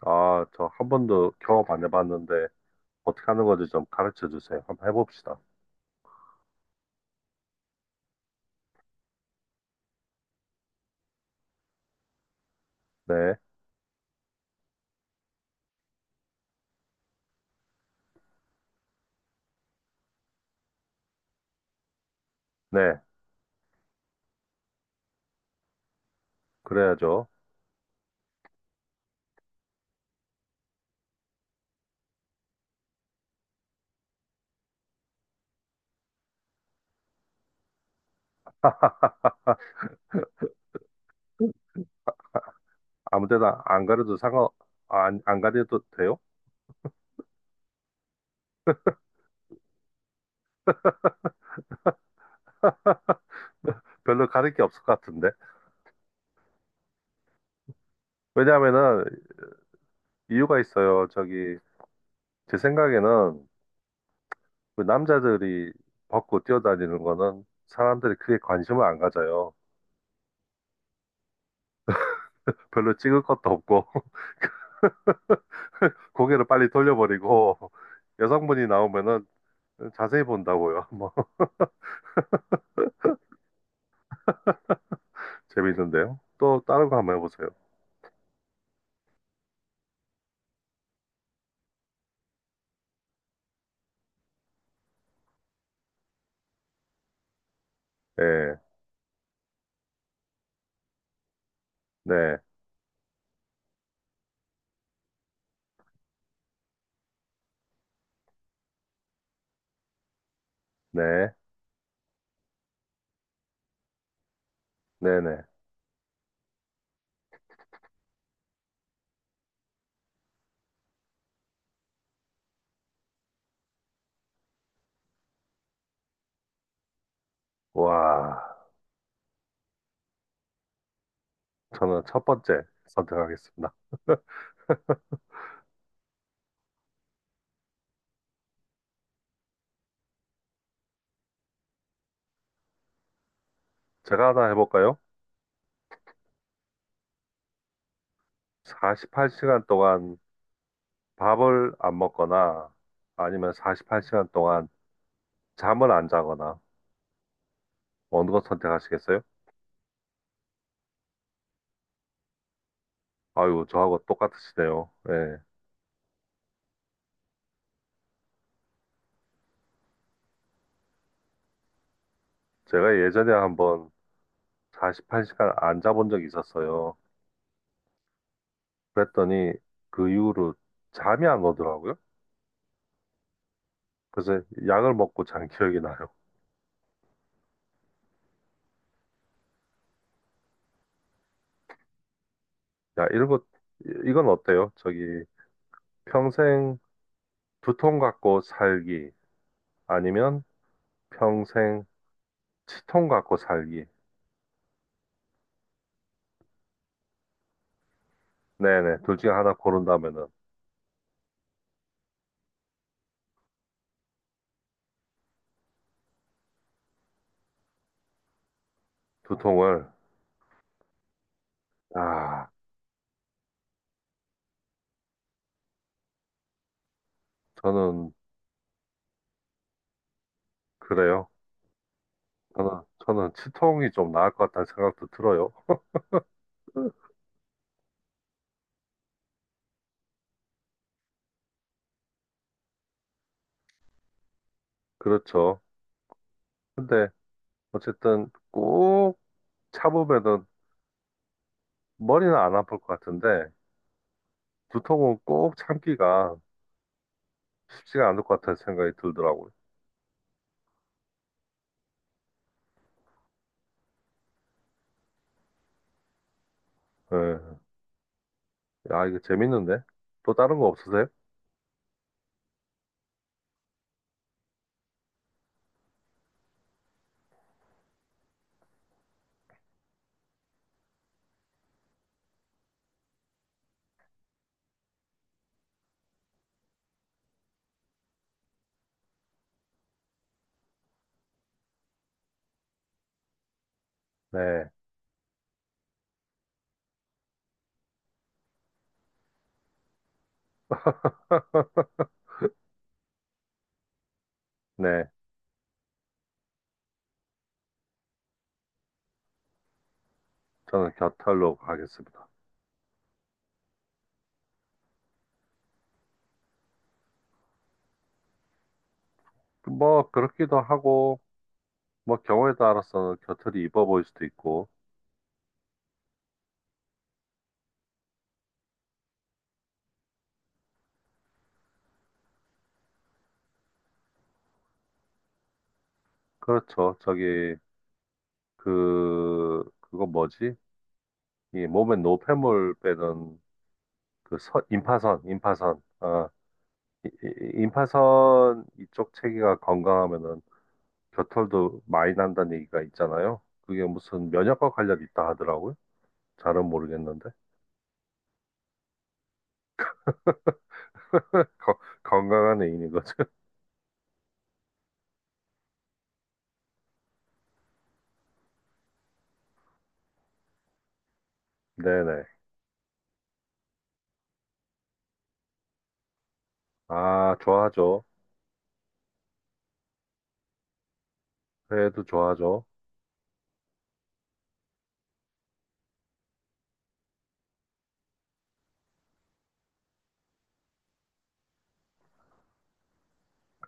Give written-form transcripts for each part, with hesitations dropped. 아, 저 한 번도 경험 안 해봤는데 어떻게 하는 건지 좀 가르쳐 주세요. 한번 해봅시다. 네, 네, 그래야죠. 아무 데나 안 가려도 아, 안 가려도 돼요? 별로 가릴 게 없을 것 같은데. 왜냐하면은 이유가 있어요. 저기, 제 생각에는 그 남자들이 벗고 뛰어다니는 거는 사람들이 크게 관심을 안 가져요. 별로 찍을 것도 없고, 고개를 빨리 돌려버리고, 여성분이 나오면은 자세히 본다고요. 뭐. 재밌는데요? 또 다른 거 한번 해보세요. 예, 네, 네, 네, 네. 와, 저는 첫 번째 선택하겠습니다. 제가 하나 해볼까요? 48시간 동안 밥을 안 먹거나 아니면 48시간 동안 잠을 안 자거나 어느 것 선택하시겠어요? 아유, 저하고 똑같으시네요. 예. 제가 예전에 한번 48시간 안 자본 적이 있었어요. 그랬더니 그 이후로 잠이 안 오더라고요. 그래서 약을 먹고 잔 기억이 나요. 야, 이것 이건 어때요? 저기, 평생 두통 갖고 살기, 아니면 평생 치통 갖고 살기. 네네, 둘 중에 하나 고른다면은, 두통을, 아, 저는, 그래요. 저는, 저는 치통이 좀 나을 것 같다는 생각도 들어요. 그렇죠. 근데, 어쨌든, 꼭 참으면은, 머리는 안 아플 것 같은데, 두통은 꼭 참기가 쉽지가 않을 것 같다는 생각이 들더라고요. 예. 아, 이거 재밌는데? 또 다른 거 없으세요? 네. 네. 저는 겨털로 가겠습니다. 뭐, 그렇기도 하고, 뭐, 경우에 따라서는 겨털이 이뻐 보일 수도 있고, 그렇죠. 저기, 그거 뭐지? 이 몸에 노폐물 빼는 그 선, 임파선, 임파선. 어, 임파선 이쪽 체계가 건강하면은 겨털도 많이 난다는 얘기가 있잖아요. 그게 무슨 면역과 관련이 있다 하더라고요. 잘은 모르겠는데. 거- 건강한 애인인 거죠. 네네. 아, 좋아하죠. 회도 좋아하죠.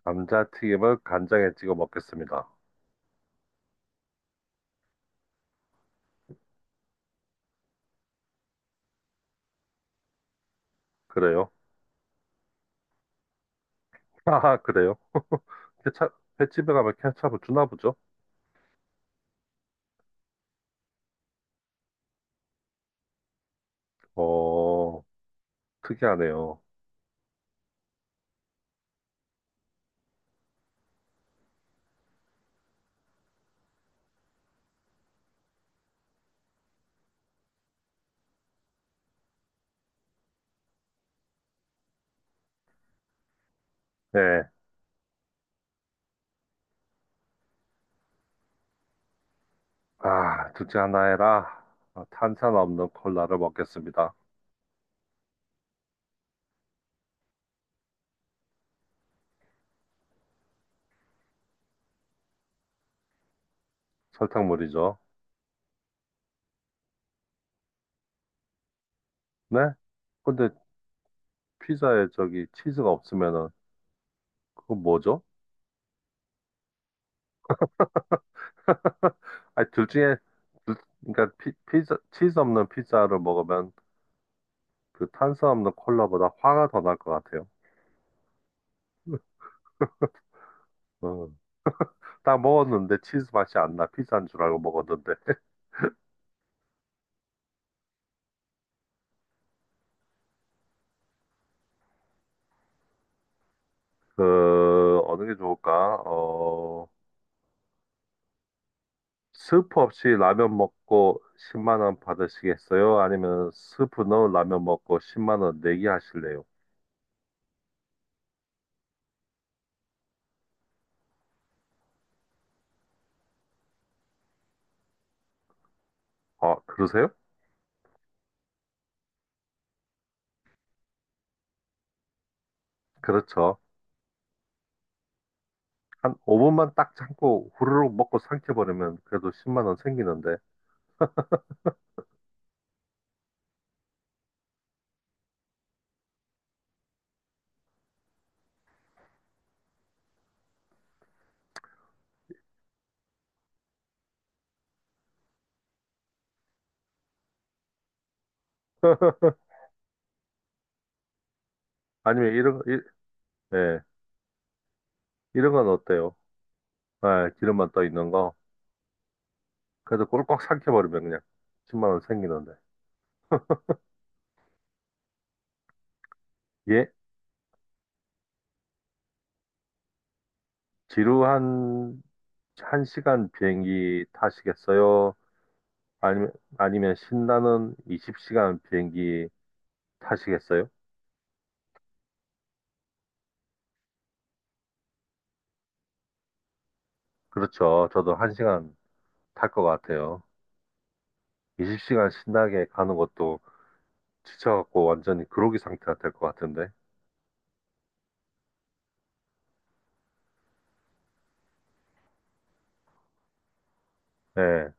감자튀김을 간장에 찍어 먹겠습니다. 그래요? 아, 그래요? 케찹, 횟집에 가면 케찹을 주나 보죠? 어, 특이하네요. 네. 아, 둘째 하나 해라. 아, 탄산 없는 콜라를 먹겠습니다. 설탕물이죠. 네? 근데 피자에 저기 치즈가 없으면은 그거 뭐죠? 아니, 둘 중에, 그러니까 피자, 치즈 없는 피자를 먹으면 그 탄수화물 콜라보다 화가 더 날 것 같아요. 음. 딱 먹었는데 치즈 맛이 안 나. 피자인 줄 알고 먹었는데. 어느 게 좋을까? 어, 스프 없이 라면 먹고 10만 원 받으시겠어요? 아니면 스프 넣은 라면 먹고 10만 원 내기 하실래요? 아 그러세요? 그렇죠. 한 5분만 딱 참고 후루룩 먹고 삼켜버리면 그래도 10만 원 생기는데. 아니면 예, 이런 건 어때요? 아, 기름만 떠 있는 거. 그래서 꼴깍 삭혀버리면 그냥 10만 원 생기는데. 예? 지루한 한시간 비행기 타시겠어요? 아니면, 아니면, 신나는 20시간 비행기 타시겠어요? 그렇죠. 저도 한시간 탈 것 같아요. 20시간 신나게 가는 것도 지쳐갖고 완전히 그로기 상태가 될 것 같은데. 예.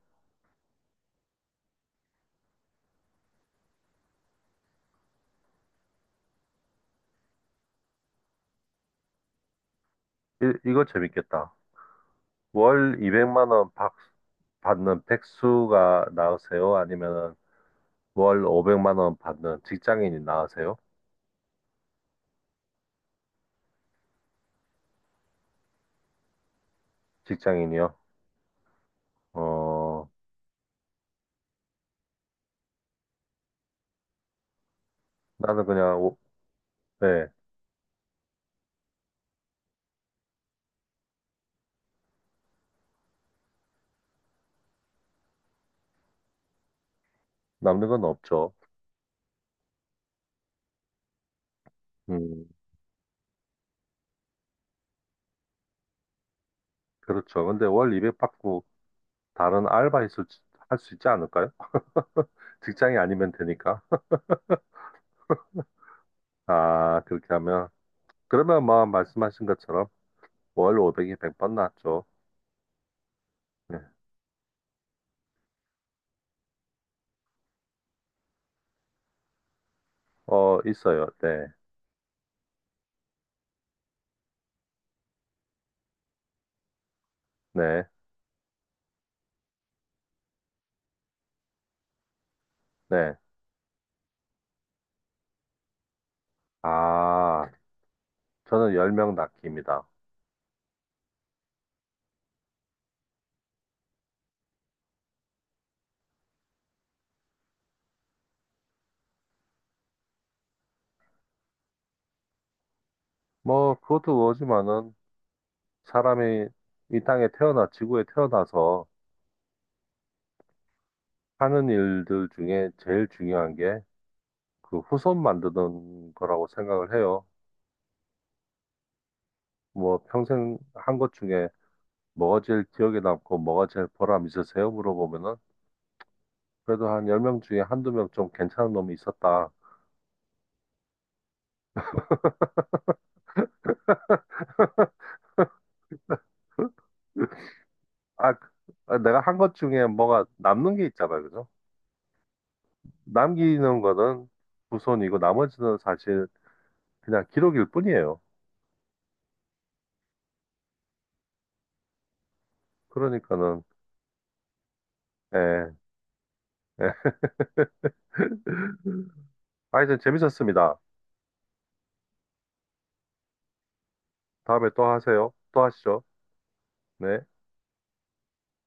이거 재밌겠다. 월 200만 원 받는 백수가 나으세요? 아니면 월 500만 원 받는 직장인이 나으세요? 직장인이요? 어, 나는 그냥, 네, 남는 건 없죠. 음, 그렇죠. 근데 월 200 받고 다른 알바 할 수 있지 않을까요? 직장이 아니면 되니까. 아, 그렇게 하면. 그러면 뭐, 말씀하신 것처럼 월 500이 100번 낫죠. 네. 어, 있어요. 네, 네, 네. 아, 저는 10명 낳기입니다. 뭐, 그것도 그거지만은 사람이 이 땅에 태어나, 지구에 태어나서 하는 일들 중에 제일 중요한 게 그 후손 만드는 거라고 생각을 해요. 뭐 평생 한 것 중에 뭐가 제일 기억에 남고 뭐가 제일 보람 있으세요? 물어보면은 그래도 한 10명 중에 한두 명 좀 괜찮은 놈이 있었다. 아, 아, 내가 한 것 중에 뭐가 남는 게 있잖아요. 그죠? 남기는 거는 후손이고 나머지는 사실 그냥 기록일 뿐이에요. 그러니까는 예, 예. 하여튼 재밌었습니다. 다음에 또 하세요. 또 하시죠. 네.